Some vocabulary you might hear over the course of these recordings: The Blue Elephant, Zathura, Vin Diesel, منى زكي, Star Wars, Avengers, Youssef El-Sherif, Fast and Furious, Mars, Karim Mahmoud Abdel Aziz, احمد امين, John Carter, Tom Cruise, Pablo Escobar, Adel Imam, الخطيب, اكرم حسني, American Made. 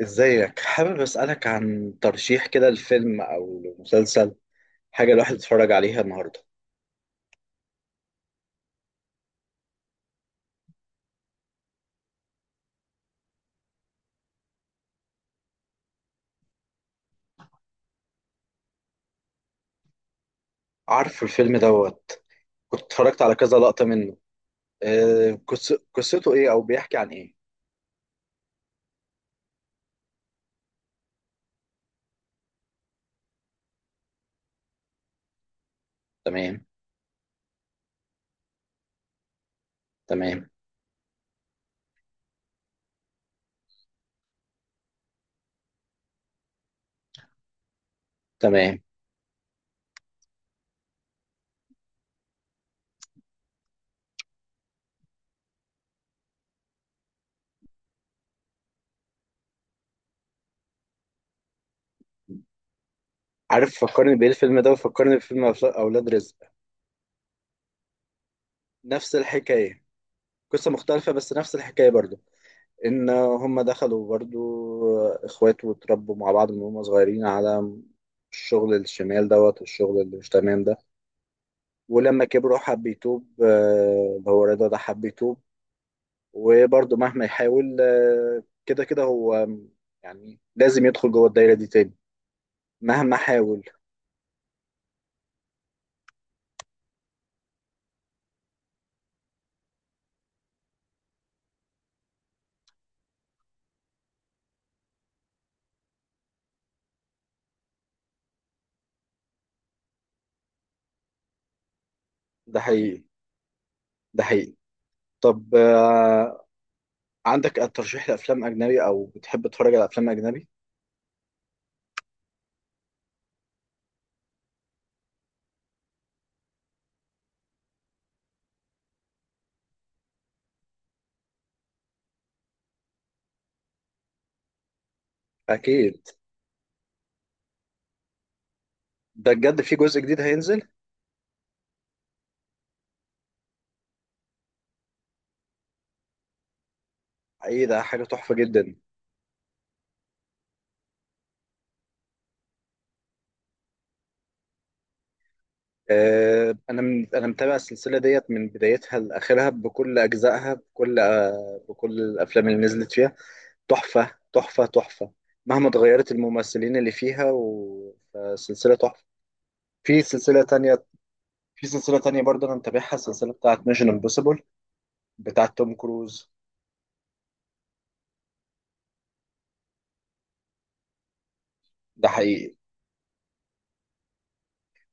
ازيك؟ حابب اسألك عن ترشيح كده لفيلم او مسلسل، حاجة الواحد يتفرج عليها النهاردة. عارف الفيلم دوت، كنت اتفرجت على كذا لقطة منه. قصته ايه او بيحكي عن ايه؟ تمام، تمام، تمام. عارف فكرني بايه الفيلم ده؟ وفكرني بفيلم اولاد رزق. نفس الحكاية. قصة مختلفة بس نفس الحكاية برضو. ان هم دخلوا برضو اخوات، واتربوا مع بعض من هم صغيرين على الشغل الشمال دوت والشغل اللي مش تمام ده. ولما كبروا حب يتوب، اللي هو رضا ده حب يتوب. وبرضه مهما يحاول، كده كده هو يعني لازم يدخل جوه الدايرة دي تاني مهما حاول. ده حقيقي، ده حقيقي. طب عندك ترشيح لأفلام أجنبي، أو بتحب تتفرج على أفلام أجنبي؟ أكيد. ده بجد في جزء جديد هينزل؟ ايه ده، حاجة تحفة جدا. أنا متابع السلسلة ديت من بدايتها لآخرها، بكل أجزائها، بكل بكل الأفلام اللي نزلت فيها. تحفة، تحفة، تحفة. مهما اتغيرت الممثلين اللي فيها، وسلسلة تحفة. في سلسلة تانية، في سلسلة تانية برضه أنا متابعها، السلسلة بتاعت ميشن امبوسيبل، بتاعت توم كروز. ده حقيقي.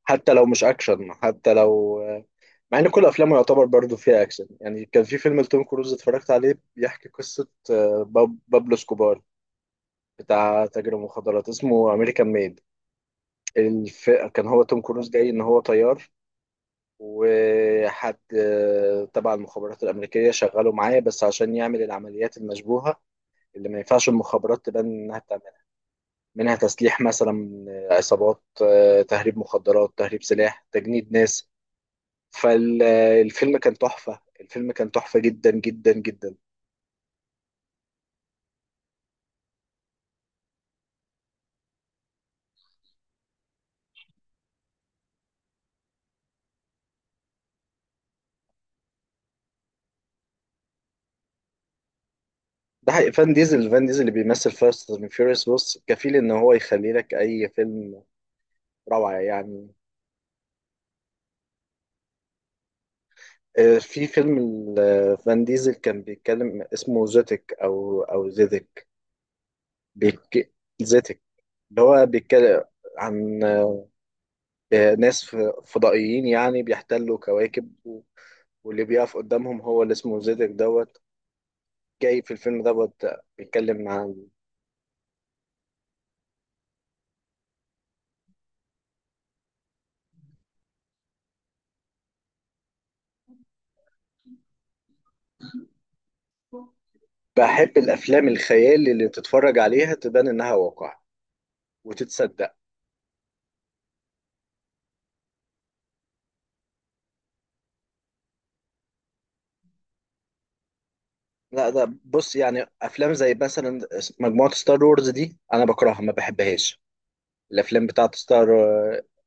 حتى لو مش أكشن، حتى لو مع إن كل أفلامه يعتبر برضه فيها أكشن. يعني كان في فيلم لتوم كروز اتفرجت عليه بيحكي قصة، بابلو سكوبار بتاع تاجر المخدرات، اسمه أمريكان ميد. كان هو توم كروز جاي إن هو طيار، وحد تبع المخابرات الأمريكية، شغاله معايا بس عشان يعمل العمليات المشبوهة اللي ما ينفعش المخابرات تبان إنها بتعملها. منها تسليح مثلا، عصابات، تهريب مخدرات، تهريب سلاح، تجنيد ناس. فالفيلم كان تحفة، الفيلم كان تحفة جدا جدا جدا. ده حقيقي. فان ديزل، فان ديزل اللي بيمثل فاست اند فيوريوس، بص كفيل ان هو يخلي لك اي فيلم روعة يعني. في فيلم فان ديزل كان بيتكلم، اسمه زيتك او او زيتك. بيك... زيتك اللي هو بيتكلم عن ناس فضائيين يعني بيحتلوا كواكب واللي بيقف قدامهم هو اللي اسمه زيتك دوت. جاي في الفيلم دوت بيتكلم عن بحب الأفلام الخيال اللي تتفرج عليها تبان إنها واقع وتتصدق. لا ده بص، يعني أفلام زي مثلا مجموعة ستار وورز دي أنا بكرهها ما بحبهاش. الافلام بتاعت ستار،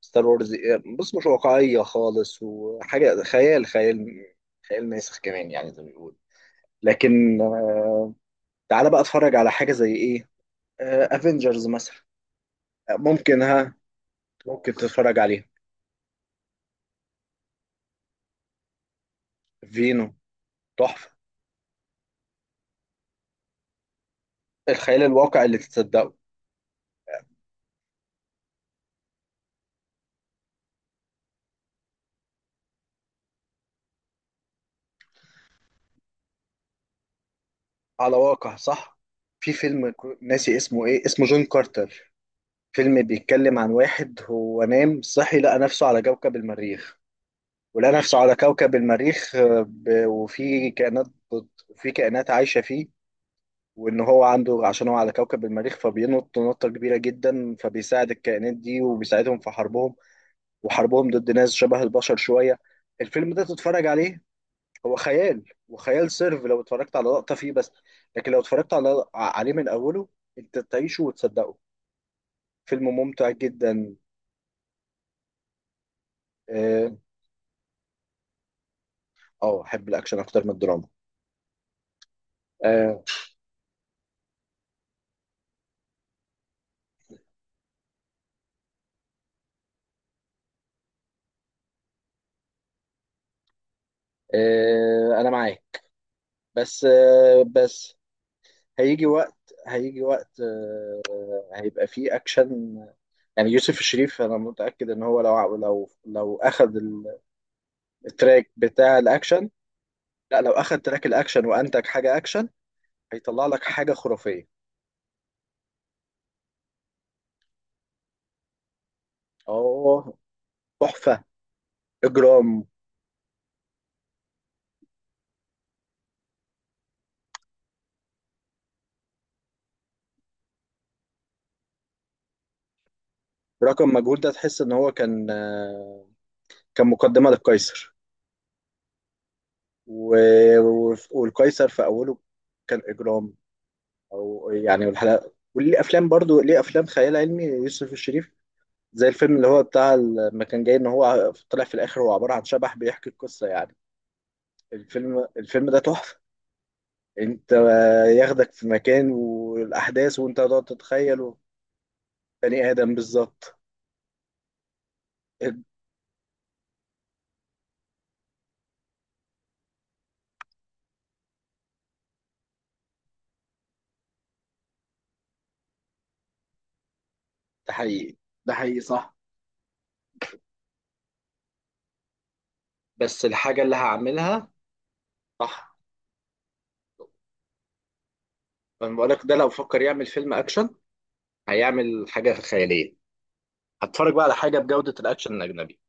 ستار وورز، بص مش واقعيه خالص، وحاجه خيال خيال، خيال ماسخ كمان يعني زي ما بيقول. لكن تعالى بقى اتفرج على حاجه زي ايه، افنجرز مثلا. ممكن ها، ممكن تتفرج عليها. فينو، تحفه. الخيال الواقع اللي تتصدقه، على واقع صح. في فيلم ناسي اسمه ايه، اسمه جون كارتر. فيلم بيتكلم عن واحد هو نام صحي لقى نفسه على كوكب المريخ. ولقى نفسه على كوكب المريخ، وفي كائنات، وفي كائنات عايشة فيه. وإن هو عنده، عشان هو على كوكب المريخ، فبينط نطة كبيرة جدا، فبيساعد الكائنات دي وبيساعدهم في حربهم، وحربهم ضد ناس شبه البشر شوية. الفيلم ده تتفرج عليه. هو خيال، وخيال سيرف لو اتفرجت على لقطة فيه بس، لكن لو اتفرجت على عليه من أوله، أنت تعيشه وتصدقه. فيلم ممتع جدا. اه. أحب الأكشن أكتر من الدراما. اه. أنا معاك، بس بس هيجي وقت، هيجي وقت هيبقى فيه اكشن. يعني يوسف الشريف انا متاكد ان هو لو لو اخذ التراك بتاع الاكشن، لا لو اخذ تراك الاكشن وانتج حاجه اكشن. هيطلع لك حاجه خرافيه اه، تحفه، اجرام. رقم مجهول ده تحس ان هو كان كان مقدمه للقيصر. والقيصر في اوله كان اجرام. او يعني، والحلقه، وليه افلام برضو، ليه افلام خيال علمي يوسف الشريف. زي الفيلم اللي هو بتاع لما كان جاي ان هو طلع في الاخر هو عباره عن شبح بيحكي القصه يعني. الفيلم ده تحفه. انت ياخدك في مكان والاحداث، وانت هتقعد تتخيل. بني ادم، بالظبط. ده حقيقي، ده حقيقي صح. بس الحاجه اللي هعملها صح. فانا بقول لك ده لو فكر يعمل فيلم اكشن، هيعمل حاجه خياليه، هتفرج بقى على حاجه بجوده الاكشن الاجنبي.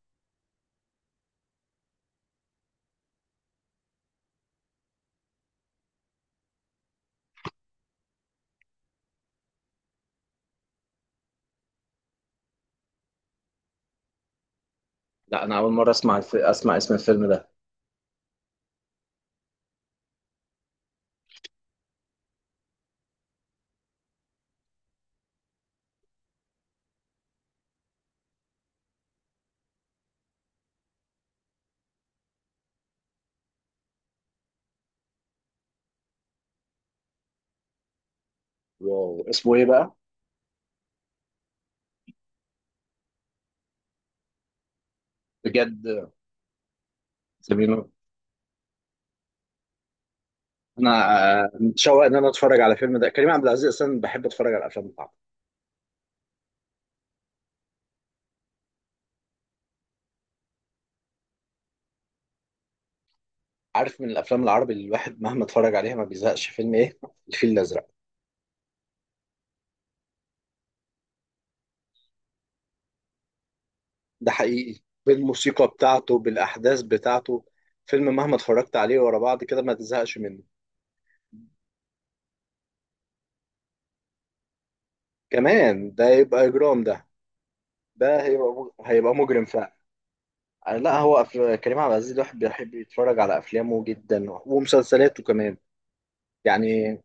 لا انا اول مره اسمع اسمع اسم الفيلم ده. واو، اسمه ايه بقى؟ بجد؟ زميله انا، متشوق ان انا اتفرج على فيلم ده. كريم عبد العزيز اصلا بحب اتفرج على الافلام بتاعته. عارف من الافلام العربي اللي الواحد مهما اتفرج عليها ما بيزهقش، فيلم ايه؟ الفيل الازرق. ده حقيقي، بالموسيقى بتاعته، بالاحداث بتاعته. فيلم مهما اتفرجت عليه ورا بعض كده ما تزهقش منه. كمان ده يبقى اجرام ده، ده هيبقى، هيبقى مجرم فعلا. لا هو كريم عبد العزيز الواحد بيحب يتفرج على افلامه جدا، ومسلسلاته كمان. يعني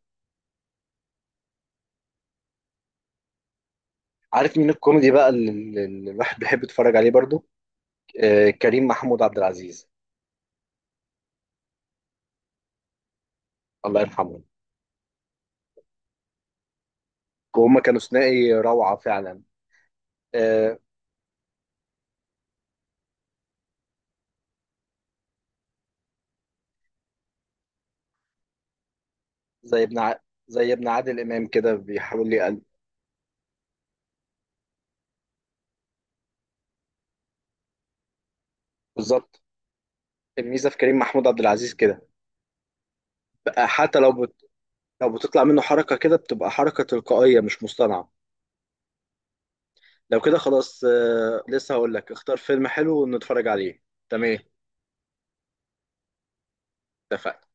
عارف مين الكوميدي بقى اللي الواحد بيحب يتفرج عليه برضو؟ آه، كريم محمود عبد العزيز. الله يرحمه، وهم كانوا ثنائي روعة فعلا. آه. زي ابن ع... زي ابن عادل إمام كده بيحاول يقلد. بالظبط. الميزة في كريم محمود عبد العزيز كده، بقى حتى لو لو بتطلع منه حركة كده، بتبقى حركة تلقائية مش مصطنعة. لو كده خلاص، آه لسه هقول لك اختار فيلم حلو ونتفرج عليه. تمام، اتفقنا.